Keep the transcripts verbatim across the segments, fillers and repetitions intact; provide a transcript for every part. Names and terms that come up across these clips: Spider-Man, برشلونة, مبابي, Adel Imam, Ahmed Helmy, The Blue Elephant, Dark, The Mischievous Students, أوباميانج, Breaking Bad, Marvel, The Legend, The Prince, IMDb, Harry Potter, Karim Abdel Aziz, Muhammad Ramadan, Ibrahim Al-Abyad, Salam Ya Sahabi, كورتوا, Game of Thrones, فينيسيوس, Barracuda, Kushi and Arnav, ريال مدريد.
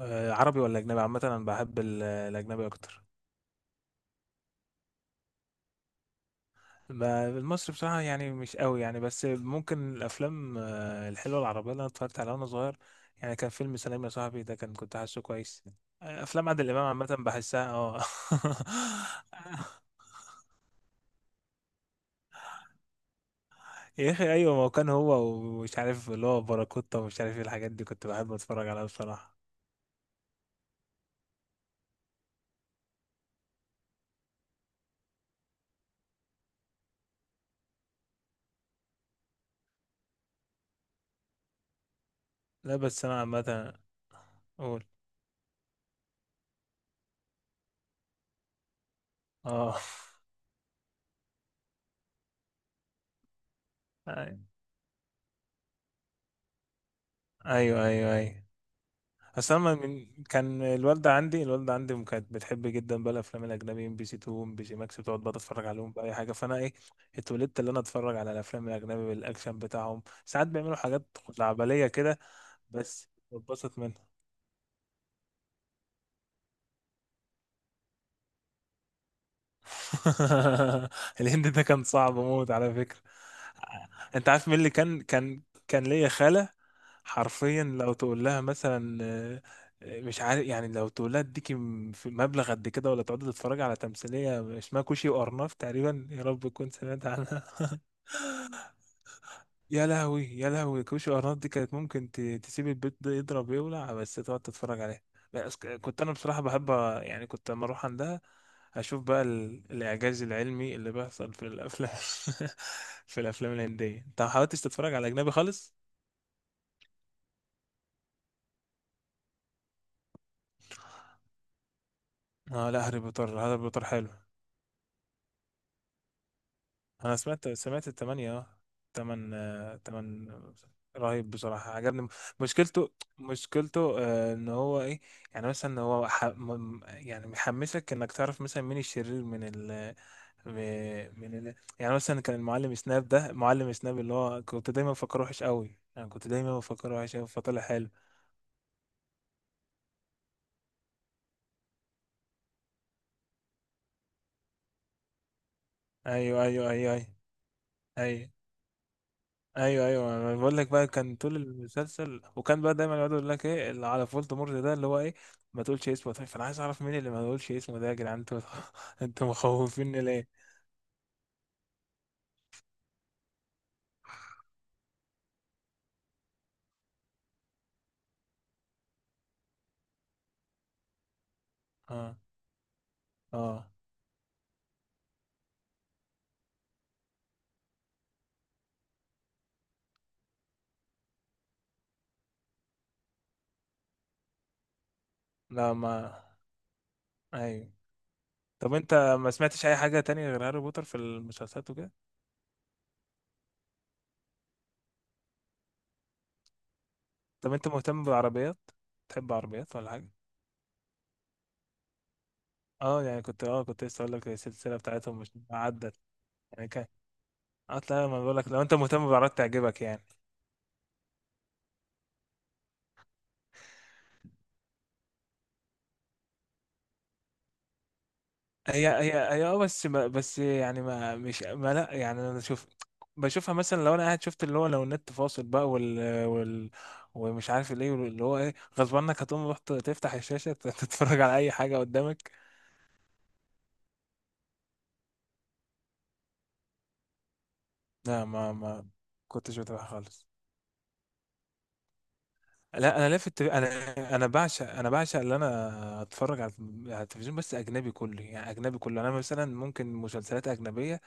آه، عربي ولا اجنبي؟ عامه انا بحب ال- الاجنبي اكتر. ما- المصري بصراحه يعني مش قوي يعني، بس ممكن الافلام آه، الحلوه العربيه اللي انا اتفرجت عليها وانا صغير. يعني كان فيلم سلام يا صاحبي، ده كان كنت حاسه كويس. آه، افلام عادل امام عامه بحسها اه. يا اخي ايوه، ما هو كان هو ومش عارف اللي هو باراكوتا ومش عارف ايه الحاجات دي، كنت بحب اتفرج عليها بصراحه. لا بس انا عامه اقول اه. ايوه ايوه ايوه. اصل انا من كان الوالده عندي، الوالده عندي م- كانت بتحب جدا بقى الافلام الاجنبي، ام بي سي اتنين، ام بي سي ماكس، بتقعد بقى تتفرج عليهم باي حاجه، فانا ايه اتولدت اللي انا اتفرج على الافلام الاجنبي بالاكشن بتاعهم. ساعات بيعملوا حاجات خزعبليه كده بس بتبسط منها. الهند ده كان صعب موت على فكره. انت عارف مين اللي كان كان كان ليا خاله، حرفيا لو تقول لها مثلا آه، آه، مش عارف يعني، لو تقول لها اديكي م- في مبلغ قد كده، ولا تقعدي تتفرجي على تمثيلية اسمها كوشي وأرناف تقريبا، يا رب تكون سمعت عنها. يا لهوي يا لهوي، كوشي وأرناف دي كانت ممكن ت- تسيب البيت ده يضرب يولع، بس تقعد تتفرج عليها. بس ك- كنت أنا بصراحة بحب أ- يعني كنت لما أروح عندها، أشوف بقى ال- الإعجاز العلمي اللي بيحصل في الأفلام. في الأفلام الهندية أنت ما حاولتش تتفرج على أجنبي خالص؟ اه لا، هاري بوتر، هاري بوتر حلو. انا سمعت سمعت التمانية اه. تمن آه، تمن. رهيب بصراحة، عجبني. مشكلته مشكلته آه، ان هو ايه، يعني مثلا هو ح... م- يعني محمسك انك تعرف مثلا مين الشرير من ال، م- من ال. يعني مثلا كان المعلم سناب ده، معلم سناب اللي هو كنت دايما بفكره وحش قوي، يعني كنت دايما بفكره وحش قوي فطلع حلو. ايوه ايوه ايوه ايوه. أيوة. ايوه ايوه، أنا بقول لك بقى، كان طول المسلسل وكان بقى دايما يقعدوا يقول لك ايه اللي على فولدمورت ده اللي هو ايه، ما تقولش اسمه. طيب فانا عايز اعرف مين اللي ما تقولش اسمه ده، يا جدعان انتوا انتوا مخوفيني ليه. اه اه لا ما ايوه. طب انت ما سمعتش اي حاجه تانية غير هاري بوتر في المسلسلات وكده؟ طب انت مهتم بالعربيات؟ تحب عربيات ولا حاجه؟ اه يعني كنت، اه كنت لسه اقول لك السلسله بتاعتهم مش عدت. يعني كان، اه لا، ما بقول لك لو انت مهتم بالعربيات تعجبك يعني. هي هي هي اه بس ما بس يعني ما مش ما لا يعني انا شوف. بشوفها مثلا لو انا قاعد، شفت اللي هو لو النت فاصل بقى، وال وال ومش عارف ليه اللي هو ايه، غصب عنك هتقوم رحت تفتح الشاشة تت- تتفرج على اي حاجة قدامك. لا ما ما كنتش بتابعها خالص. لا انا لافت التلف... انا انا بعشق، انا بعشق اللي انا اتفرج على، على التلفزيون، بس اجنبي كله، يعني اجنبي كله. انا مثلا ممكن مسلسلات اجنبيه،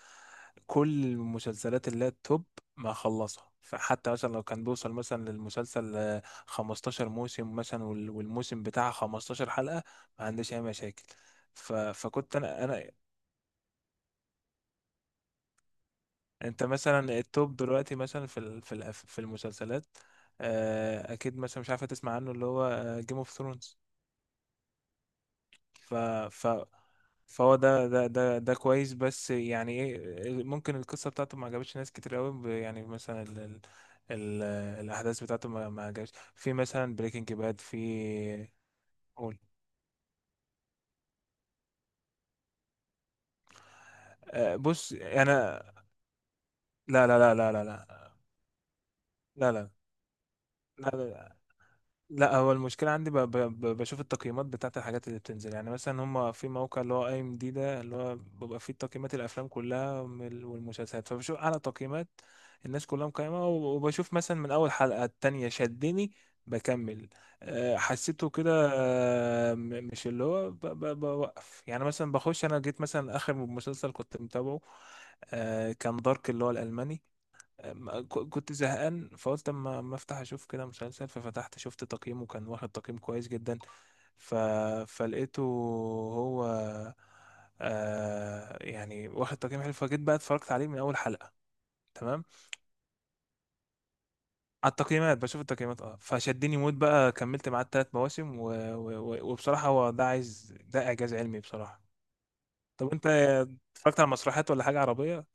كل المسلسلات اللي هي التوب ما اخلصها. فحتى مثلا لو كان بيوصل مثلا للمسلسل آه، خمستاشر موسم مثلا، وال- والموسم بتاعه خمستاشر حلقه، ما عنديش اي مشاكل. ف... فكنت انا انا انت مثلا التوب دلوقتي مثلا في ال... في الأف- في المسلسلات، آه، اكيد مثلا مش عارفه تسمع عنه اللي هو جيم اوف ثرونز. ف ف فهو ده ده ده ده كويس بس يعني ايه، ممكن القصه بتاعته ما عجبتش ناس كتير قوي ب- يعني مثلا ال ال ال الاحداث بتاعته ما ما عجبتش. في مثلا بريكنج باد في قول آه، بص انا لا لا لا لا لا لا لا لا لا لا لا هو المشكلة عندي ب... ب... ب- بشوف التقييمات بتاعت الحاجات اللي بتنزل. يعني مثلا هما في موقع اللي هو اي ام دي ده، اللي هو بيبقى فيه تقييمات الافلام كلها وال- والمسلسلات، فبشوف اعلى تقييمات الناس كلها مقيمة، و- وبشوف مثلا من اول حلقة التانية شدني بكمل. آه، حسيته كده آه، م- مش اللي هو ب... ب... بوقف. يعني مثلا بخش انا جيت مثلا اخر مسلسل كنت متابعه آه، كان دارك، اللي هو الالماني. أما ك- كنت زهقان فقلت اما اما افتح اشوف كده مسلسل، ففتحت شفت تقييمه كان واخد تقييم كويس جدا. ف... فلقيته هو آه، يعني واخد تقييم حلو، فجيت بقى اتفرجت عليه من اول حلقة. تمام، على التقييمات، بشوف التقييمات اه، فشدني موت بقى، كملت معاه التلات مواسم و... و... و- وبصراحة هو ده عايز، ده اعجاز علمي بصراحة. طب انت اتفرجت على مسرحيات ولا حاجة عربية؟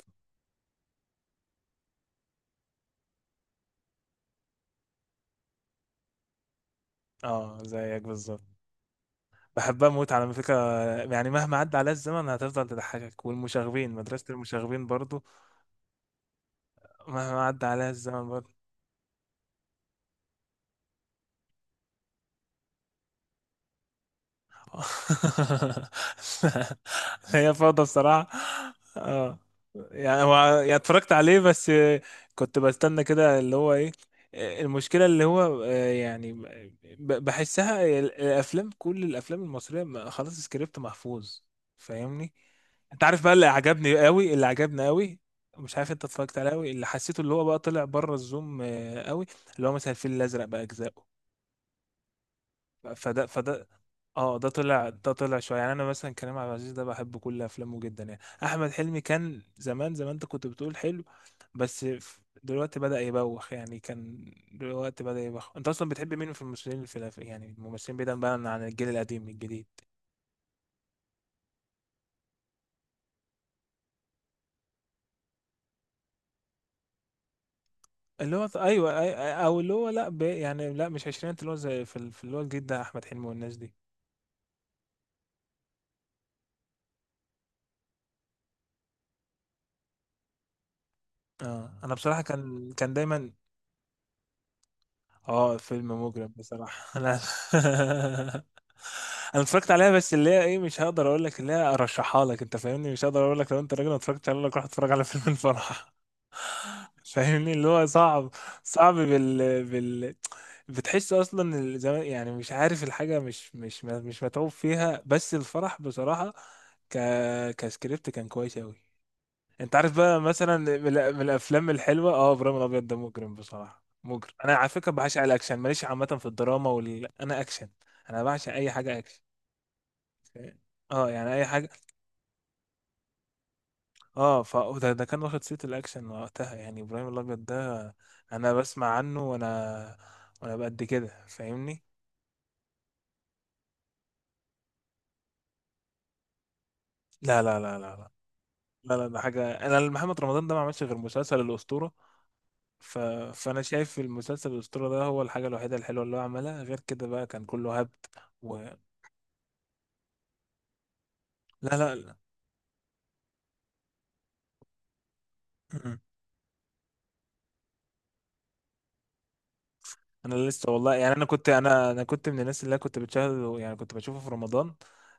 اه زيك بالظبط، بحبها موت على فكرة. يعني مهما عدى عليها الزمن هتفضل تضحكك. والمشاغبين، مدرسة المشاغبين برضو مهما عدى عليها الزمن برضو. هي فوضى بصراحة اه، يعني هو يعني اتفرجت عليه بس كنت بستنى كده اللي هو ايه المشكلة. اللي هو آه، يعني ب- بحسها الافلام، كل الافلام المصرية ما- خلاص سكريبت محفوظ، فاهمني. انت عارف بقى، اللي عجبني قوي اللي عجبني قوي، مش عارف انت اتفرجت عليه، قوي اللي حسيته اللي هو بقى طلع بره الزوم آه، قوي، اللي هو مثلا الفيل الازرق بقى اجزائه. فده فده اه، ده طلع، ده طلع شويه. يعني انا مثلا كريم عبد العزيز ده بحب كل افلامه جدا. يعني احمد حلمي كان زمان زمان انت كنت بتقول حلو، بس ف- دلوقتي بدأ يبوخ. يعني كان دلوقتي بدأ يبوخ. انت اصلا بتحب مين في الممثلين في الأف- يعني الممثلين بعيدا بقى عن الجيل القديم، الجديد اللي هو ايوه أي- أي- او اللي هو لا ب... يعني لا مش عشرينات، اللي هو زي في ال- في اللي هو الجديد ده، احمد حلمي والناس دي. اه انا بصراحه كان كان دايما اه، فيلم مجرم بصراحه. لا انا اتفرجت عليها، بس اللي هي ايه، مش هقدر اقول لك اللي هي ارشحها لك، انت فاهمني، مش هقدر اقول لك لو انت راجل ما اتفرجتش عليها أقول لك روح اتفرج على فيلم الفرح. فاهمني اللي هو صعب، صعب بال بال بتحس اصلا ال- زمان يعني مش عارف الحاجه مش مش مش متعوب فيها، بس الفرح بصراحه ك كسكريبت كان كويس اوي. انت عارف بقى مثلا من، الأ- من الافلام الحلوه اه، ابراهيم الابيض ده مجرم بصراحه، مجرم. انا على فكره بعشق الاكشن، ماليش عامه في الدراما وال... انا اكشن. انا بعشق اي حاجه اكشن، اه يعني اي حاجه اه. فده ده كان واخد صيت الاكشن وقتها، يعني ابراهيم الابيض ده انا بسمع عنه وانا وانا بقد كده فاهمني. لا لا لا لا لا لا لا ده حاجه، انا محمد رمضان ده ما عملش غير مسلسل الاسطوره. ف... فانا شايف المسلسل الاسطوره ده هو الحاجه الوحيده الحلوه اللي هو عملها، غير كده بقى كان كله هبد. و... لا لا لا انا لسه والله، يعني انا كنت، انا انا كنت من الناس اللي أنا كنت بتشاهده، يعني كنت بشوفه في رمضان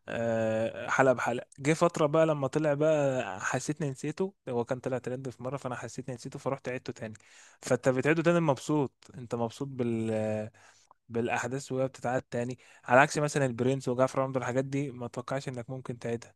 آه، حلقه بحلقه. جه فتره بقى لما طلع بقى حسيتني نسيته، هو كان طلع ترند في مره، فانا حسيتني نسيته فرحت عدته تاني. فانت بتعيده تاني مبسوط، انت مبسوط بال بالاحداث وهي بتتعاد تاني، على عكس مثلا البرنس وجعفر العمدة، الحاجات دي ما توقعش انك ممكن تعيدها.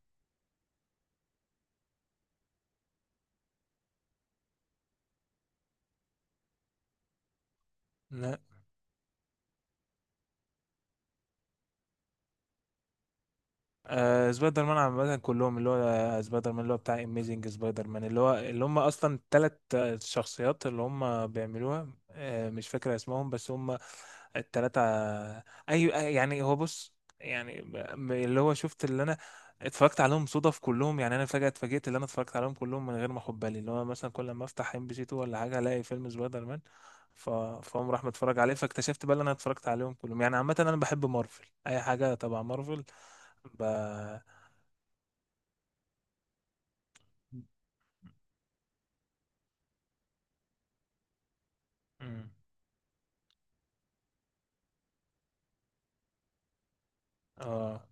آه سبايدر مان عامة كلهم، اللي هو آه، سبايدر مان اللي هو بتاع اميزنج سبايدر مان، اللي هو اللي هم اصلا التلات آه، شخصيات اللي هم بيعملوها، آه مش فاكر اسمهم بس هم التلاتة آه، اي أي- يعني هو بص يعني م- اللي هو شفت اللي انا اتفرجت عليهم صدف كلهم. يعني انا فجأة اتفاجئت اللي انا اتفرجت عليهم كلهم من غير ما اخد بالي، اللي هو مثلا كل ما افتح ام بي سي اتنين ولا حاجة الاقي فيلم سبايدر مان. ف... فهم راح متفرج عليه، فاكتشفت بقى اللي انا اتفرجت عليهم كلهم. يعني عامة انا بحب مارفل، اي حاجة تبع مارفل. مم. اه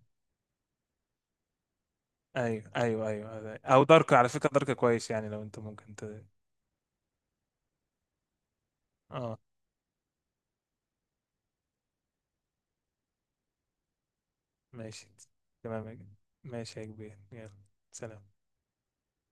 ايوه ايوه ايوه هذا- او دارك على فكره، دارك كويس يعني لو انت ممكن ت... اه ماشي. تمام يا كبير. ماشي يا كبير يلا. سلام.